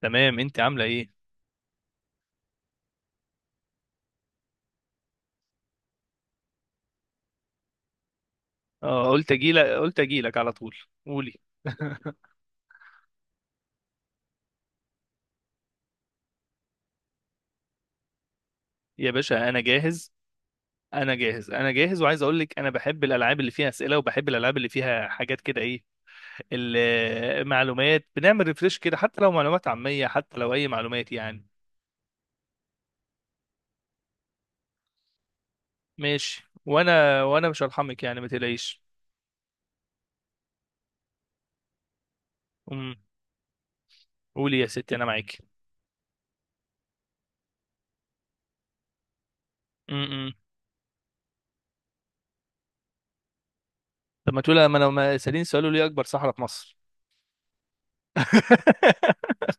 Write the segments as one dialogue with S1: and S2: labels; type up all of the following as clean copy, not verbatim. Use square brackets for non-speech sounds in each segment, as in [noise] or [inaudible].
S1: تمام، انت عامله ايه؟ اه، قلت اجيلك على طول. قولي. [laughs] يا باشا انا جاهز. انا جاهز انا جاهز وعايز اقول لك انا بحب الالعاب اللي فيها اسئله، وبحب الالعاب اللي فيها حاجات كده. ايه المعلومات، بنعمل ريفريش كده، حتى لو معلومات عاميه، حتى لو اي معلومات يعني. ماشي، وانا مش هرحمك يعني، ما تقلقيش. امم قولي يا ستي، انا معاك. أمم. طب، ما تقول، ما انا ما سالين سؤال لي اكبر صحراء في مصر؟ [laughs]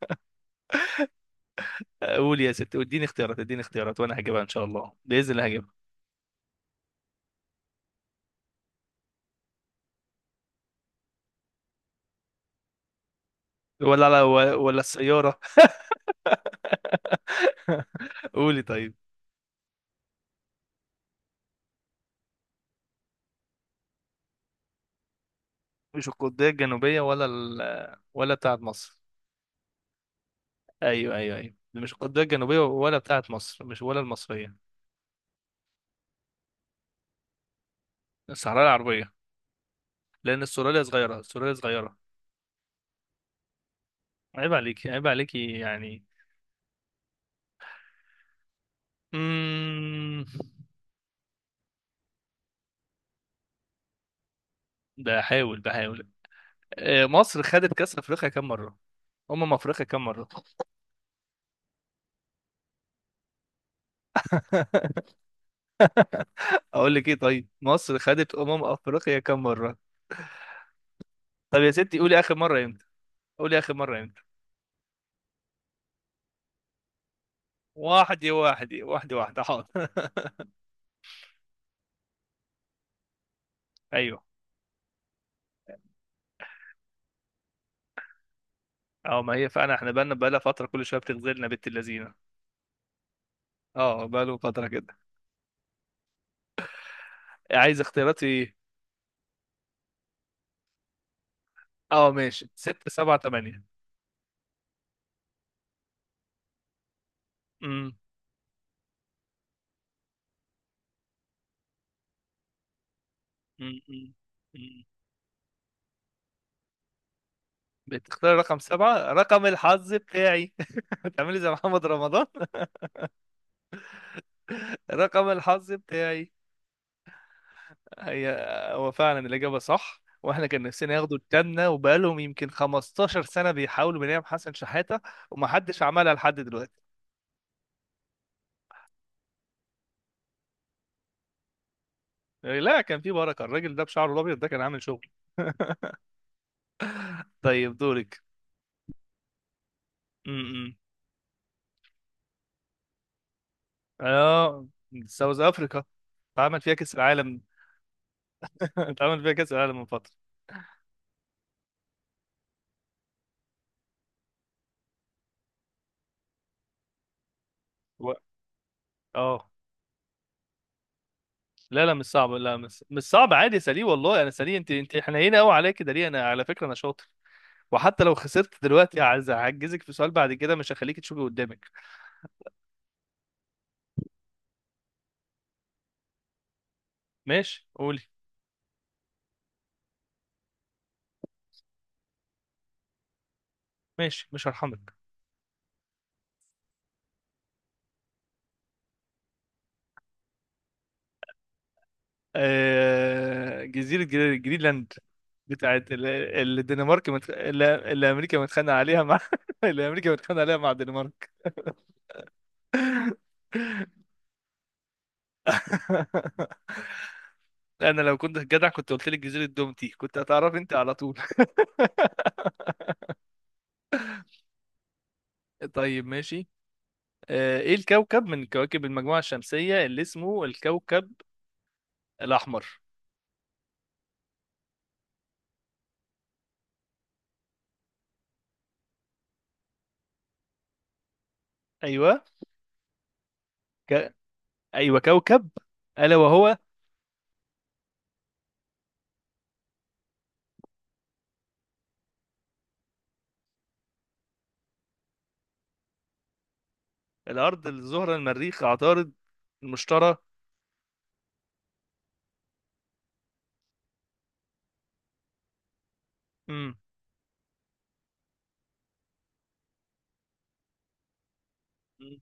S1: قول يا ست، اديني اختيارات، اديني اختيارات، وانا هجيبها ان شاء الله، باذن الله هجيبها. ولا على، ولا السياره. [laughs] قولي طيب. مش القطبيه الجنوبيه، ولا ولا بتاعه مصر. ايوه ايوه ايوه، مش القطبيه الجنوبيه ولا بتاعه مصر، مش ولا المصريه. الصحراء العربيه. لان السوريه صغيره، السوريه صغيره. عيب عليكي، عيب عليكي يعني. امم بحاول بحاول. مصر خدت كاس افريقيا كام مره، افريقيا كام مره؟ [laughs] اقول لك ايه؟ طيب، مصر خدت افريقيا كام مره؟ طب يا ستي، قولي اخر مره امتى. قولي اخر مره امتى. واحده واحده واحده واحده، حاضر. [laughs] ايوه. اه، ما هي فعلا احنا بقالها فتره، كل شويه بتغزلنا بنت اللذينه. اه، بقاله فتره كده. عايز اختيارات في ايه؟ اه ماشي، ستة سبعة تمانية. امم أمم، أمم، أمم. بتختار رقم سبعة، رقم الحظ بتاعي. [laughs] بتعملي زي محمد رمضان. [laughs] رقم الحظ بتاعي. هي هو فعلا الإجابة صح، واحنا كان نفسنا ياخدوا التامنة، وبقالهم يمكن 15 سنة بيحاولوا، بنيام حسن شحاتة. ومحدش عملها لحد دلوقتي. لا، كان في بركة الراجل ده، بشعره الأبيض ده كان عامل شغل. [laughs] طيب دورك. م-م. اه، ساوث أفريقيا اتعمل فيها كأس العالم. [laughs] اتعمل فيها كأس العالم من فترة. و- اه، لا لا، مش صعب، لا مش صعب، عادي يا سليم، والله انا سليم. انت حنينه قوي عليا كده ليه؟ انا على فكره انا شاطر. وحتى لو خسرت دلوقتي، هعجزك في سؤال بعد كده، مش هخليك تشوفي قدامك. ماشي، قولي. ماشي، مش هرحمك. جزيرة جرينلاند، بتاعت الدنمارك، اللي امريكا متخانقة عليها مع [laughs] اللي امريكا متخانقة عليها مع الدنمارك. [laughs] انا لو كنت جدع، كنت قلت لك جزيرة دومتي، كنت هتعرف انت على طول. [laughs] طيب ماشي. ايه الكوكب من كواكب المجموعة الشمسية اللي اسمه الكوكب الاحمر؟ ايوه، ك... ايوه كوكب، الا وهو الارض، الزهره، المريخ، عطارد، المشتري. امم مم.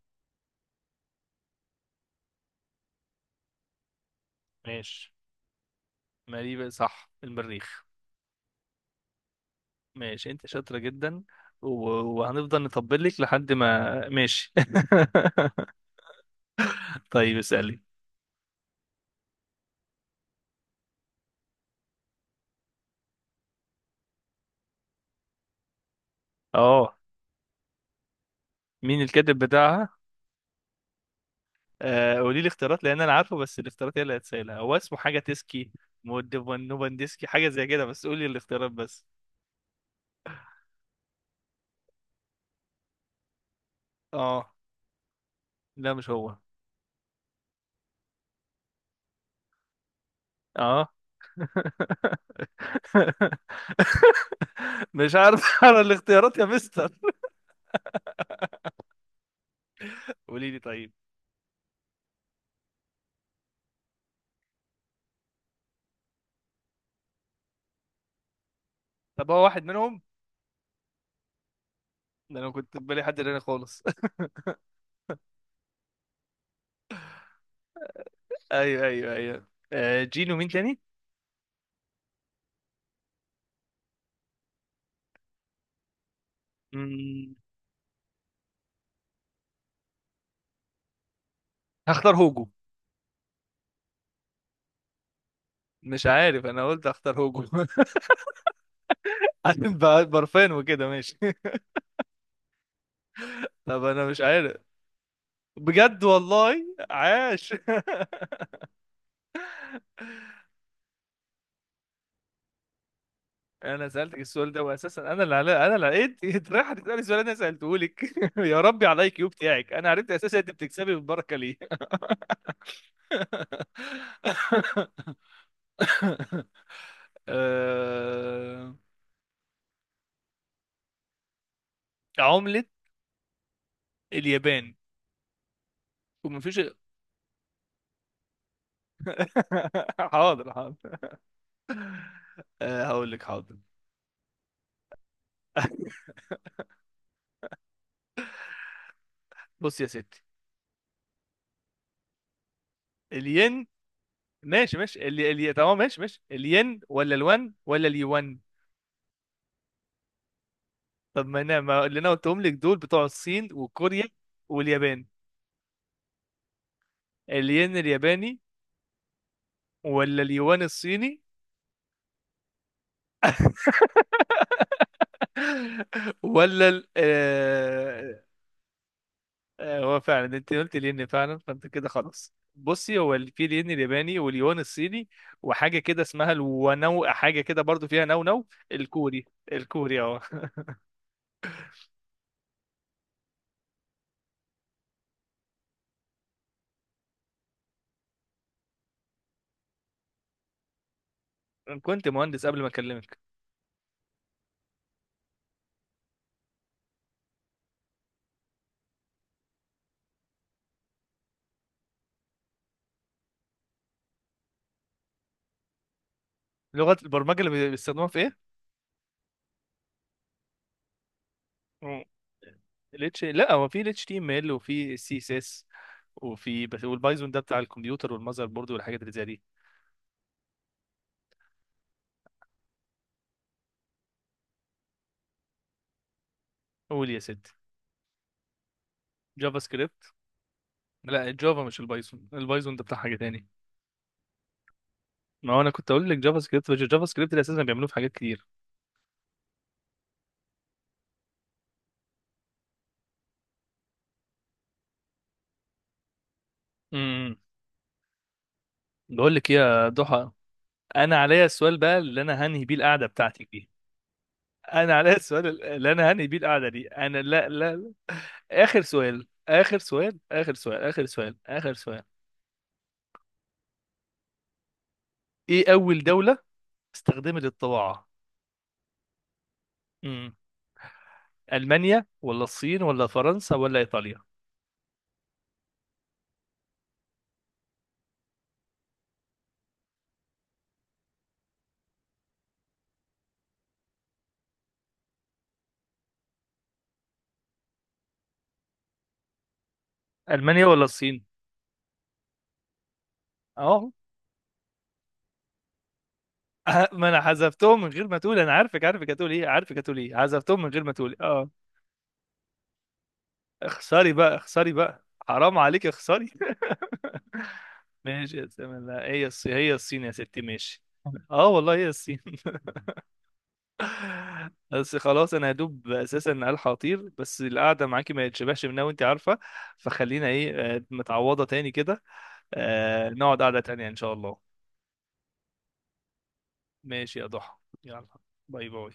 S1: ماشي، مريبة صح، المريخ. ماشي انت شاطرة جدا. وهنفضل نطبل لك لحد ما ماشي. [laughs] طيب اسألي. اه، مين الكاتب بتاعها؟ قولي لي اختيارات، لان انا عارفه، بس الاختيارات هي اللي هتسألها. هو اسمه حاجة تسكي، نوبندسكي، حاجة زي كده، بس قولي الاختيارات بس. اه لا، مش هو. اه. [laughs] [laughs] مش عارف انا الاختيارات يا مستر. قولي لي طيب. طب هو واحد منهم. ده انا كنت في بالي حد تاني خالص. [laughs] ايوه ايوه ايوه. جينو، مين تاني؟ مم، هختار هوجو. مش عارف، انا قلت هختار هوجو. [laughs] عارف بقى برفان وكده، ماشي. [laughs] طب انا مش عارف. بجد والله عاش. [laughs] انا سالتك السؤال ده، واساسا انا اللي لقيت. [laughs] اتريح، هتسالي السؤال اللي انا سالته لك. [laughs] يا ربي، على الاي كيو بتاعك، انا عرفت اساسا انت بتكسبي بالبركه. [laughs] آه، عملة اليابان، ومفيش. [laughs] حاضر حاضر. هقول لك حاضر. بص يا ستي، الين. ماشي ماشي، اللي تمام، ماشي ماشي، الين ولا الوان ولا اليوان؟ طب ما انا، ما اللي انا قلتهم لك دول بتوع الصين وكوريا واليابان. الين الياباني ولا اليوان الصيني؟ [laughs] ولا هو فعلا انت قلت الين فعلا، فانت كده خلاص. بصي، هو في الين الياباني واليوان الصيني. وحاجه كده اسمها الونو، حاجه كده برضو فيها نو نو، الكوري. الكوري اه. [laughs] كنت مهندس قبل ما اكلمك. لغه البرمجه اللي بيستخدموها في ايه؟ مم. الاتش لا هو في الاتش تي ام ال، وفي السي اس اس، وفي، بس. والبايثون ده بتاع الكمبيوتر والمذر بورد والحاجات اللي زي دي. قول يا ست. جافا سكريبت. لا، الجافا مش البايثون، البايثون ده بتاع حاجه تاني. ما هو انا كنت اقول لك جافا سكريبت، بس الجافا سكريبت اللي اساسا بيعملوه في حاجات كتير. بقول لك ايه يا ضحى. انا عليا السؤال بقى، اللي انا هنهي بيه القعده بتاعتي دي. انا عليا السؤال اللي انا هنهي بيه القعده دي. انا، لا لا، اخر سؤال، اخر سؤال، اخر سؤال، اخر سؤال، اخر سؤال. ايه اول دوله استخدمت الطباعه؟ امم المانيا ولا الصين ولا فرنسا ولا ايطاليا؟ المانيا ولا الصين؟ اه. [laughs] ما انا حذفتهم من غير ما تقول. انا عارفك هتقول ايه، عارفك هتقول ايه، حذفتهم من غير ما تقول اه. اخسري بقى، اخسري بقى، حرام عليك، اخسري. [laughs] ماشي يا سلام، لا هي الصين، هي الصين يا ستي، ماشي. اه والله هي الصين. [laughs] بس خلاص، انا هدوب اساسا، الحق اطير. بس القعده معاكي ما يتشبعش منها، وانت عارفه. فخلينا ايه، متعوضه تاني كده. نقعد قعده تانيه ان شاء الله. ماشي يا ضحى. يلا، باي باي.